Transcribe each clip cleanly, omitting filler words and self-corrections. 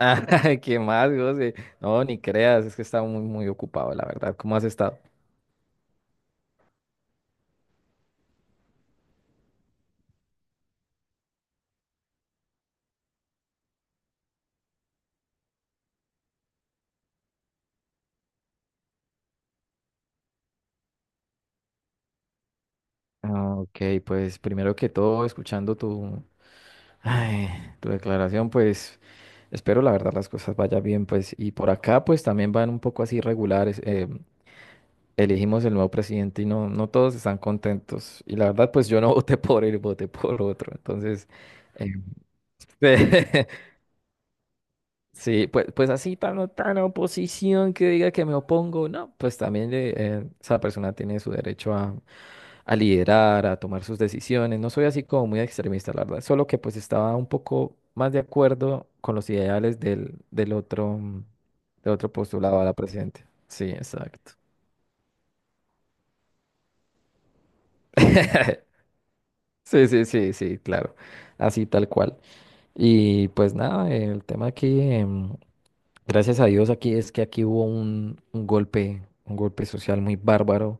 Ah, ¿Qué más, José? No, ni creas, es que estaba muy, muy ocupado, la verdad. ¿Cómo has estado? Ah, ok, pues primero que todo, escuchando tu, ay, tu declaración, pues espero la verdad las cosas vayan bien, pues y por acá pues también van un poco así regulares. Elegimos el nuevo presidente y no, no todos están contentos. Y la verdad pues yo no voté por él, voté por otro. Entonces, eh, sí, pues, pues así tan, tan oposición que diga que me opongo, no, pues también esa persona tiene su derecho a liderar, a tomar sus decisiones. No soy así como muy extremista, la verdad, solo que pues estaba un poco más de acuerdo con los ideales del otro, del otro postulado a la presidenta. Sí, exacto. Sí, sí, sí, sí, claro, así tal cual. Y pues nada, el tema aquí, gracias a Dios aquí es que aquí hubo un golpe social muy bárbaro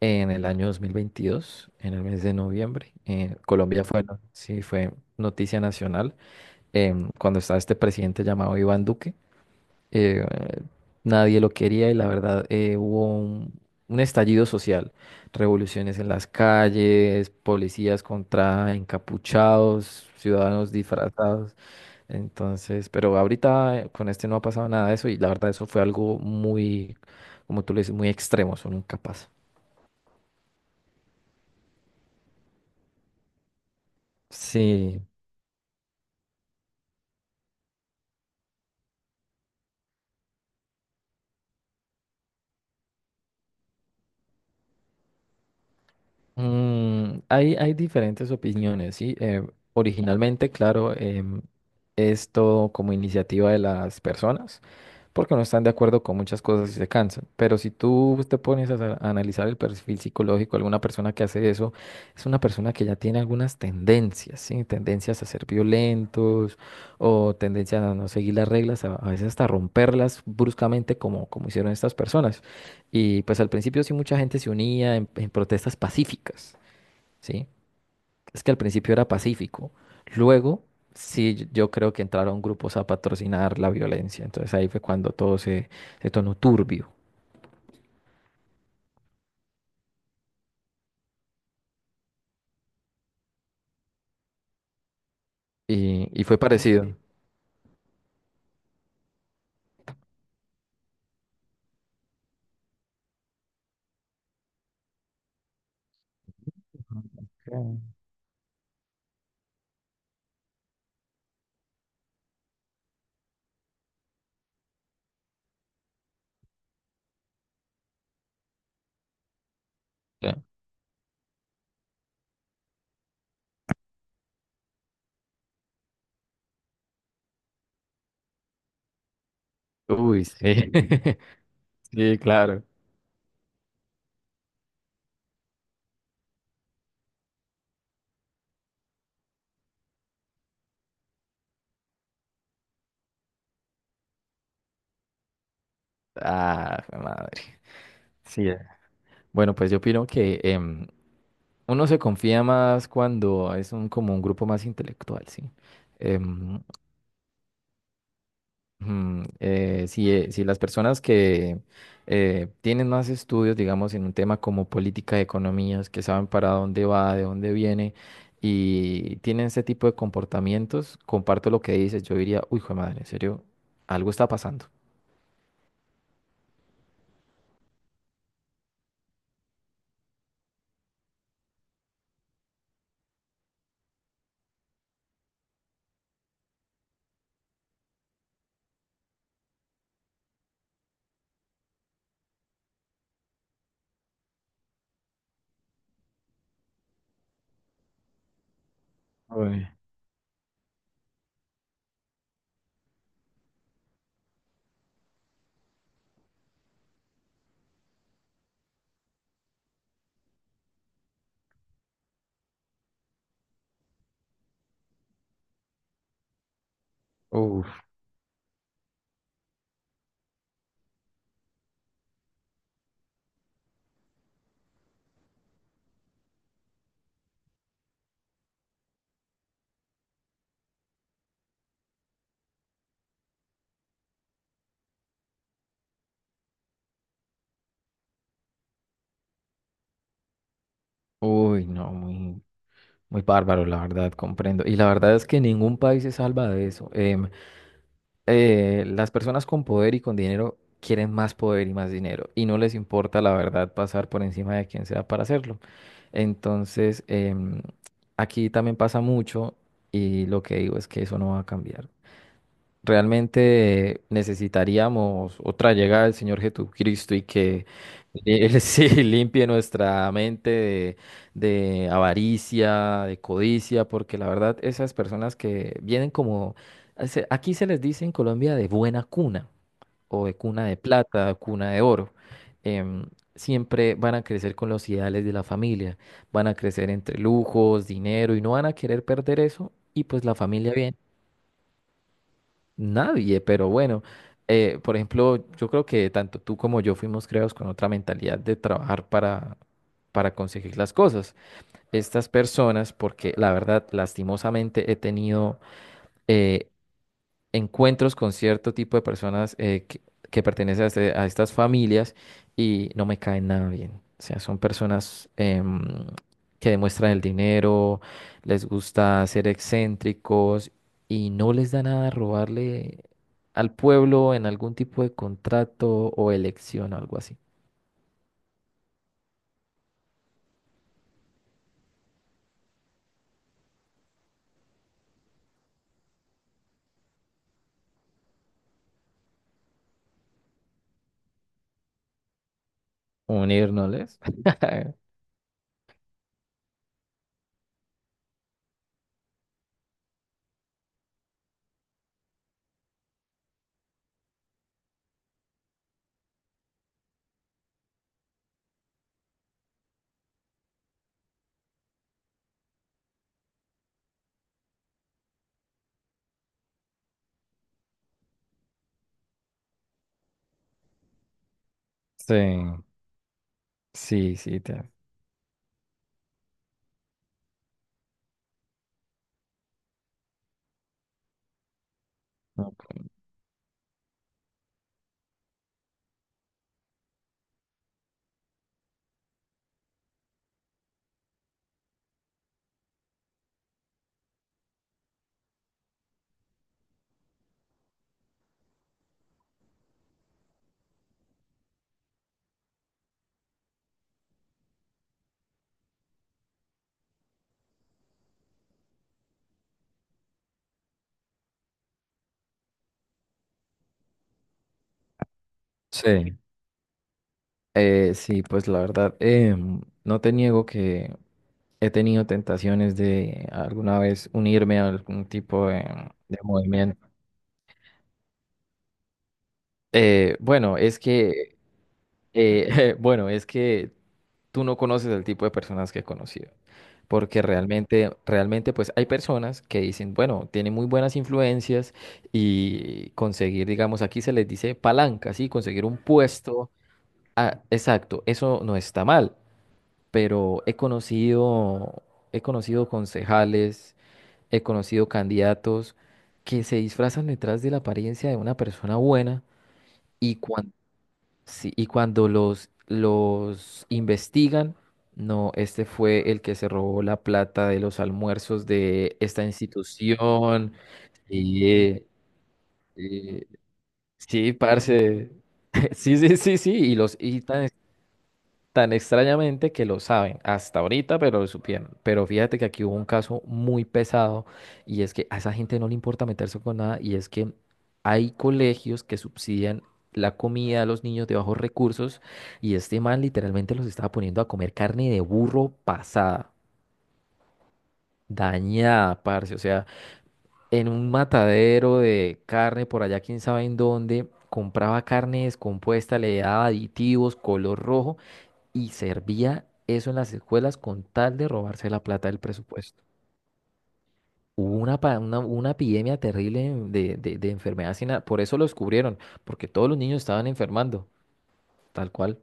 en el año 2022, en el mes de noviembre. Colombia fue, sí, fue noticia nacional cuando estaba este presidente llamado Iván Duque. eh, Nadie lo quería y la verdad hubo un estallido social, revoluciones en las calles, policías contra encapuchados, ciudadanos disfrazados. Entonces, pero ahorita con este no ha pasado nada de eso y la verdad eso fue algo muy, como tú le dices, muy extremo, eso nunca pasa. Sí, mm, hay diferentes opiniones, ¿sí? Originalmente, claro, es todo como iniciativa de las personas, porque no están de acuerdo con muchas cosas y se cansan. Pero si tú te pones a, a analizar el perfil psicológico de alguna persona que hace eso, es una persona que ya tiene algunas tendencias, ¿sí? Tendencias a ser violentos o tendencias a no seguir las reglas, a veces hasta romperlas bruscamente como, como hicieron estas personas. Y pues al principio sí mucha gente se unía en protestas pacíficas, ¿sí? Es que al principio era pacífico. Luego sí, yo creo que entraron grupos a patrocinar la violencia. Entonces ahí fue cuando todo se, se tornó turbio y fue parecido. Ok. Ya. Uy, sí. Sí, claro. Ah, jue madre. Sí. Bueno, pues yo opino que uno se confía más cuando es un, como un grupo más intelectual, ¿sí? Em, Mm, si, si las personas que tienen más estudios, digamos, en un tema como política de economías, que saben para dónde va, de dónde viene, y tienen ese tipo de comportamientos, comparto lo que dices, yo diría, uy, hijo de madre, en serio, algo está pasando. Uy, uf, uy, no, muy, muy bárbaro, la verdad, comprendo. Y la verdad es que ningún país se salva de eso. Las personas con poder y con dinero quieren más poder y más dinero y no les importa la verdad pasar por encima de quien sea para hacerlo. Entonces, aquí también pasa mucho y lo que digo es que eso no va a cambiar. Realmente necesitaríamos otra llegada del Señor Jesucristo y que Él sí limpie nuestra mente de avaricia, de codicia, porque la verdad esas personas que vienen como, aquí se les dice en Colombia de buena cuna o de cuna de plata, cuna de oro, em, siempre van a crecer con los ideales de la familia, van a crecer entre lujos, dinero y no van a querer perder eso y pues la familia viene. Nadie, pero bueno, por ejemplo, yo creo que tanto tú como yo fuimos creados con otra mentalidad de trabajar para conseguir las cosas. Estas personas, porque la verdad, lastimosamente he tenido eh, encuentros con cierto tipo de personas que pertenecen a, a estas familias y no me caen nada bien. O sea, son personas que demuestran el dinero, les gusta ser excéntricos y no les da nada robarle al pueblo en algún tipo de contrato o elección o algo así. Unirnos. Sí, sí, sí. te- ok. Sí. Sí, pues la verdad, no te niego que he tenido tentaciones de alguna vez unirme a algún tipo de movimiento. Bueno, es que, bueno, es que tú no conoces el tipo de personas que he conocido, porque realmente, realmente, pues hay personas que dicen, bueno, tiene muy buenas influencias y conseguir, digamos, aquí se les dice palanca, sí, conseguir un puesto, ah, exacto, eso no está mal, pero he conocido concejales, he conocido candidatos que se disfrazan detrás de la apariencia de una persona buena y, sí, y cuando los investigan, no, este fue el que se robó la plata de los almuerzos de esta institución. Y, eh, sí, parce. Sí, sí, sí, sí, y los y tan tan extrañamente que lo saben hasta ahorita, pero lo supieron. Pero fíjate que aquí hubo un caso muy pesado y es que a esa gente no le importa meterse con nada y es que hay colegios que subsidian la comida a los niños de bajos recursos y este man literalmente los estaba poniendo a comer carne de burro pasada, dañada, parce. O sea, en un matadero de carne por allá, quién sabe en dónde, compraba carne descompuesta, le daba aditivos, color rojo y servía eso en las escuelas con tal de robarse la plata del presupuesto. Hubo una, una epidemia terrible de enfermedad sin por eso lo descubrieron, porque todos los niños estaban enfermando, tal cual.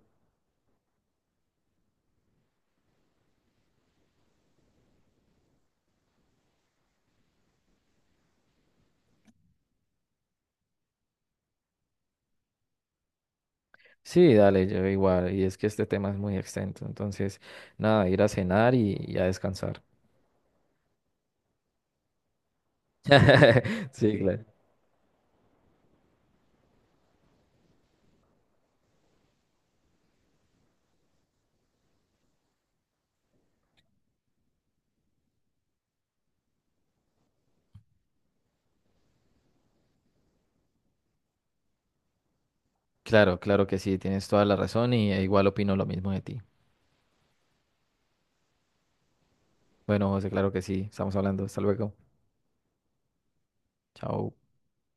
Sí, dale, yo igual, y es que este tema es muy extenso, entonces, nada, ir a cenar y a descansar. Sí, claro. Claro, claro que sí, tienes toda la razón y igual opino lo mismo de ti. Bueno, José, claro que sí, estamos hablando, hasta luego, chao.